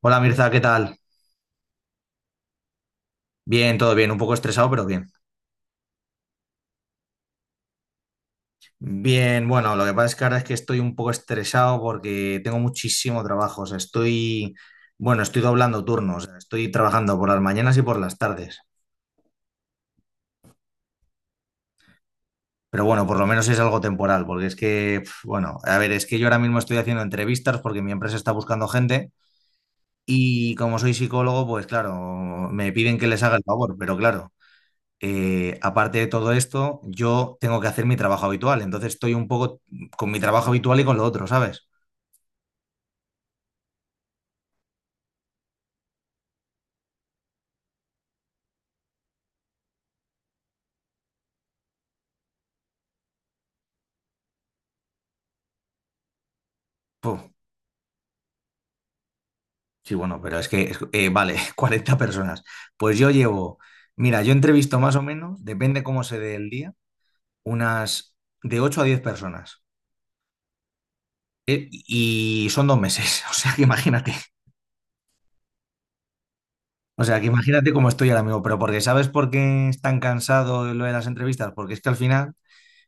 Hola Mirza, ¿qué tal? Bien, todo bien, un poco estresado, pero bien. Bien, bueno, lo que pasa es que ahora es que estoy un poco estresado porque tengo muchísimo trabajo. O sea, estoy, bueno, estoy doblando turnos, o sea, estoy trabajando por las mañanas y por las tardes. Pero bueno, por lo menos es algo temporal, porque es que, pf, bueno, a ver, es que yo ahora mismo estoy haciendo entrevistas porque mi empresa está buscando gente y como soy psicólogo, pues claro, me piden que les haga el favor, pero claro, aparte de todo esto, yo tengo que hacer mi trabajo habitual, entonces estoy un poco con mi trabajo habitual y con lo otro, ¿sabes? Puf, sí, bueno, pero es que, vale, 40 personas. Pues yo llevo, mira, yo entrevisto más o menos, depende cómo se dé el día, unas de 8 a 10 personas. Y son 2 meses, o sea que imagínate. O sea que imagínate cómo estoy ahora mismo, pero porque ¿sabes por qué es tan cansado lo de las entrevistas? Porque es que al final,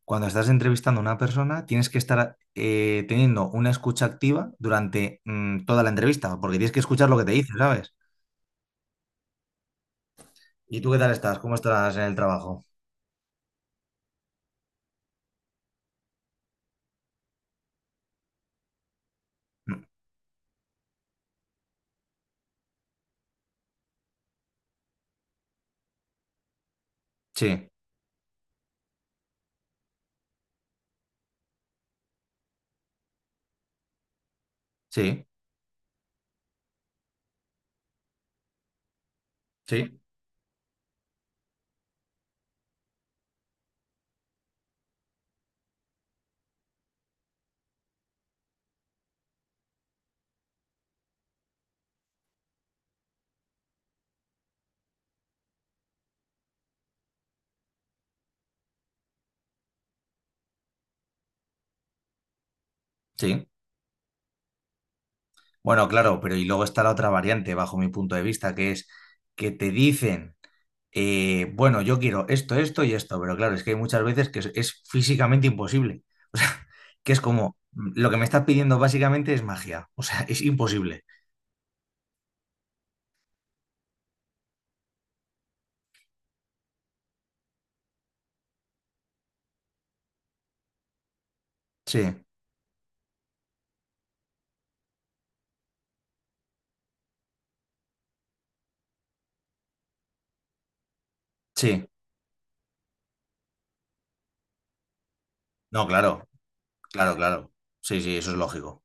cuando estás entrevistando a una persona, tienes que estar teniendo una escucha activa durante toda la entrevista, porque tienes que escuchar lo que te dice, ¿sabes? ¿Y tú qué tal estás? ¿Cómo estás en el trabajo? Sí, sí, sí, sí. Bueno, claro, pero y luego está la otra variante, bajo mi punto de vista, que es que te dicen, bueno, yo quiero esto, esto y esto, pero claro, es que hay muchas veces que es físicamente imposible. O sea, que es como, mm, lo que me estás pidiendo básicamente es magia, o sea, es imposible. Sí, sí. No, claro, claro, claro. Sí, sí, eso es lógico.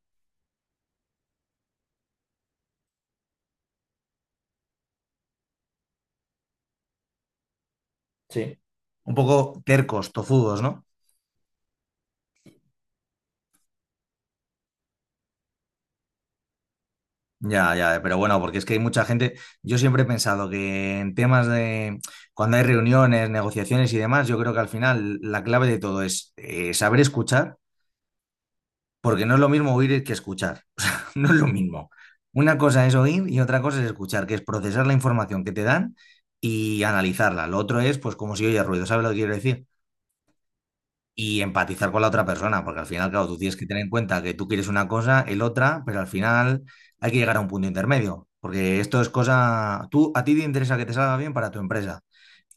Sí. Un poco tercos, tozudos, ¿no? Ya, ya, pero bueno, porque es que hay mucha gente. Yo siempre he pensado que en temas de cuando hay reuniones, negociaciones y demás, yo creo que al final la clave de todo es saber escuchar, porque no es lo mismo oír que escuchar. O sea, no es lo mismo. Una cosa es oír y otra cosa es escuchar, que es procesar la información que te dan y analizarla. Lo otro es, pues, como si oye ruido, ¿sabes lo que quiero decir? Y empatizar con la otra persona, porque al final, claro, tú tienes que tener en cuenta que tú quieres una cosa, el otra, pero al final hay que llegar a un punto intermedio, porque esto es cosa, tú a ti te interesa que te salga bien para tu empresa,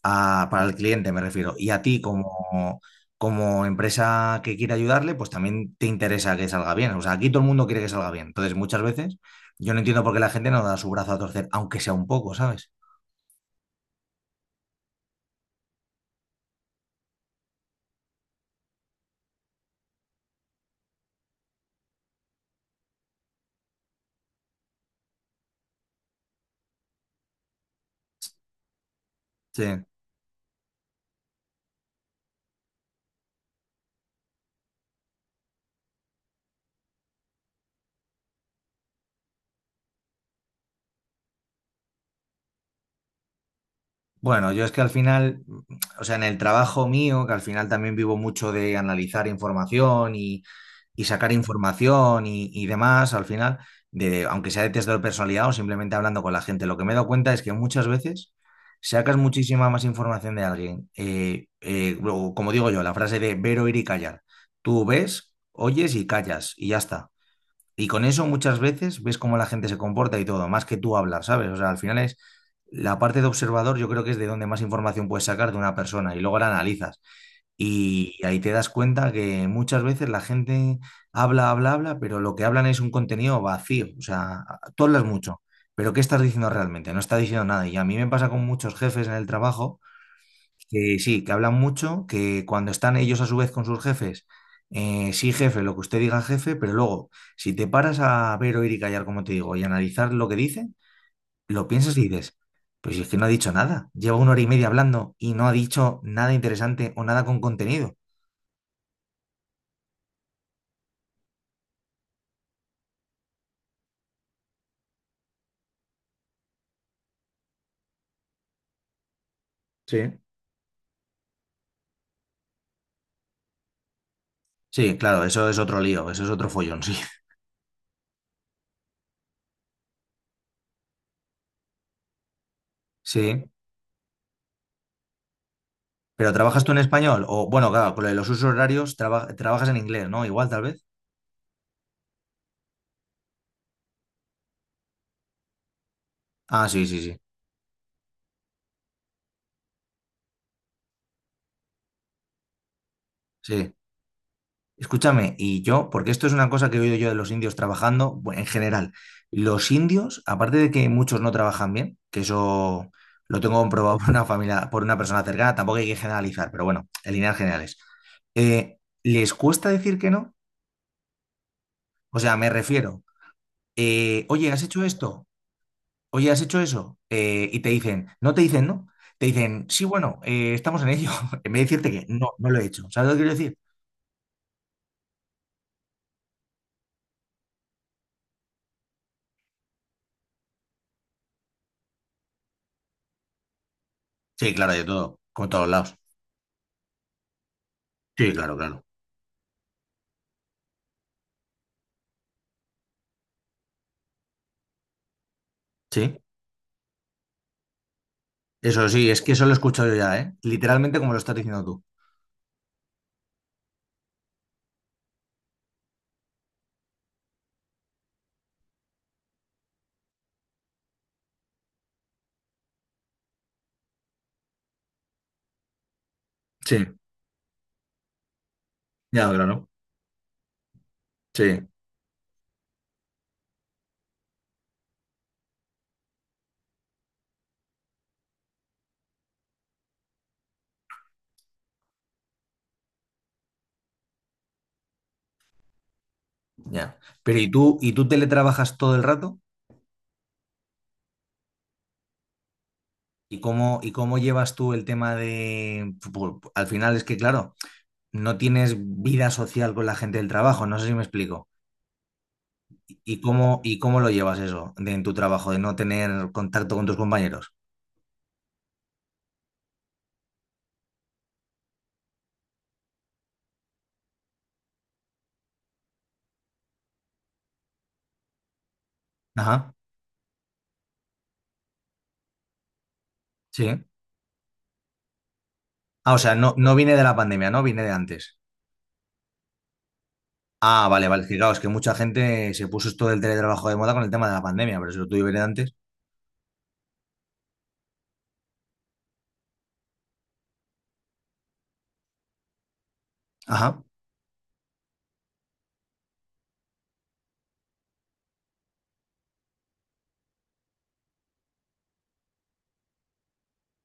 para el cliente me refiero, y a ti como como empresa que quiere ayudarle, pues también te interesa que salga bien. O sea, aquí todo el mundo quiere que salga bien. Entonces, muchas veces yo no entiendo por qué la gente no da su brazo a torcer, aunque sea un poco, ¿sabes? Sí. Bueno, yo es que al final, o sea, en el trabajo mío, que al final también vivo mucho de analizar información y sacar información y demás, al final, de, aunque sea de test de personalidad o simplemente hablando con la gente, lo que me he dado cuenta es que muchas veces sacas muchísima más información de alguien. O como digo yo, la frase de ver, oír y callar. Tú ves, oyes y callas y ya está. Y con eso muchas veces ves cómo la gente se comporta y todo, más que tú hablar, ¿sabes? O sea, al final es la parte de observador, yo creo que es de donde más información puedes sacar de una persona y luego la analizas. Y ahí te das cuenta que muchas veces la gente habla, habla, habla, pero lo que hablan es un contenido vacío. O sea, tú hablas mucho, pero ¿qué estás diciendo realmente? No está diciendo nada. Y a mí me pasa con muchos jefes en el trabajo que sí, que hablan mucho, que cuando están ellos a su vez con sus jefes, sí, jefe, lo que usted diga, jefe, pero luego, si te paras a ver, oír y callar, como te digo, y analizar lo que dice, lo piensas y dices, pues si es que no ha dicho nada, lleva 1 hora y media hablando y no ha dicho nada interesante o nada con contenido. Sí. Sí, claro, eso es otro lío, eso es otro follón, sí. Sí. Pero ¿trabajas tú en español? O bueno, claro, con lo de los usos horarios trabajas en inglés, ¿no? Igual, tal vez. Ah, sí, sí, sí. Sí. Escúchame, y yo, porque esto es una cosa que he oído yo de los indios trabajando, bueno, en general, los indios, aparte de que muchos no trabajan bien, que eso lo tengo comprobado por una familia, por una persona cercana, tampoco hay que generalizar, pero bueno, en líneas generales, eh, ¿les cuesta decir que no? O sea, me refiero, oye, ¿has hecho esto? Oye, ¿has hecho eso? Y te dicen, no te dicen no, te dicen, sí, bueno, estamos en ello, en vez de decirte que no, no lo he hecho. ¿Sabes lo que quiero decir? Sí, claro, de todo, con todos lados. Sí, claro, claro. Sí. Eso sí, es que eso lo he escuchado yo ya, ¿eh? Literalmente como lo estás diciendo tú. Sí, ya, claro. Sí. Ya. Pero y tú teletrabajas todo el rato? Y cómo llevas tú el tema de... al final es que, claro, no tienes vida social con la gente del trabajo, no sé si me explico. Y cómo lo llevas eso de, en tu trabajo, de no tener contacto con tus compañeros? Ajá, sí. Ah, o sea, no, no viene de la pandemia, ¿no? Viene de antes. Ah, vale, vale. Es que claro, es que mucha gente se puso esto del teletrabajo de moda con el tema de la pandemia, pero si lo tuve viene antes. Ajá.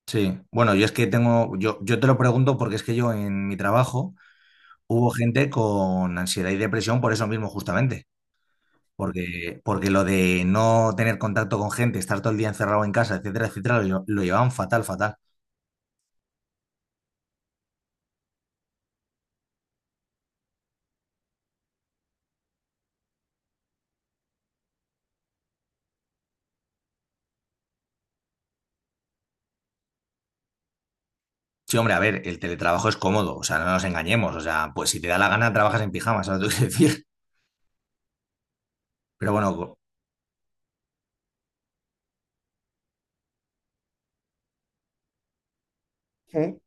Sí. Bueno, yo es que tengo, yo te lo pregunto porque es que yo en mi trabajo hubo gente con ansiedad y depresión por eso mismo, justamente. Porque, porque lo de no tener contacto con gente, estar todo el día encerrado en casa, etcétera, etcétera, lo, lo llevaban fatal, fatal. Sí, hombre, a ver, el teletrabajo es cómodo, o sea, no nos engañemos. O sea, pues si te da la gana, trabajas en pijama, ¿sabes lo que quiero decir? Pero bueno, co- Sí.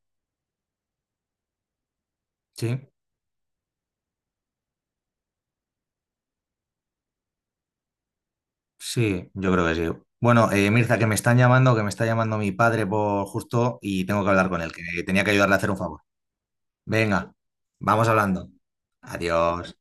Sí. Sí, yo creo que sí. Bueno, Mirza, que me están llamando, que me está llamando mi padre por justo y tengo que hablar con él, que tenía que ayudarle a hacer un favor. Venga, vamos hablando. Adiós.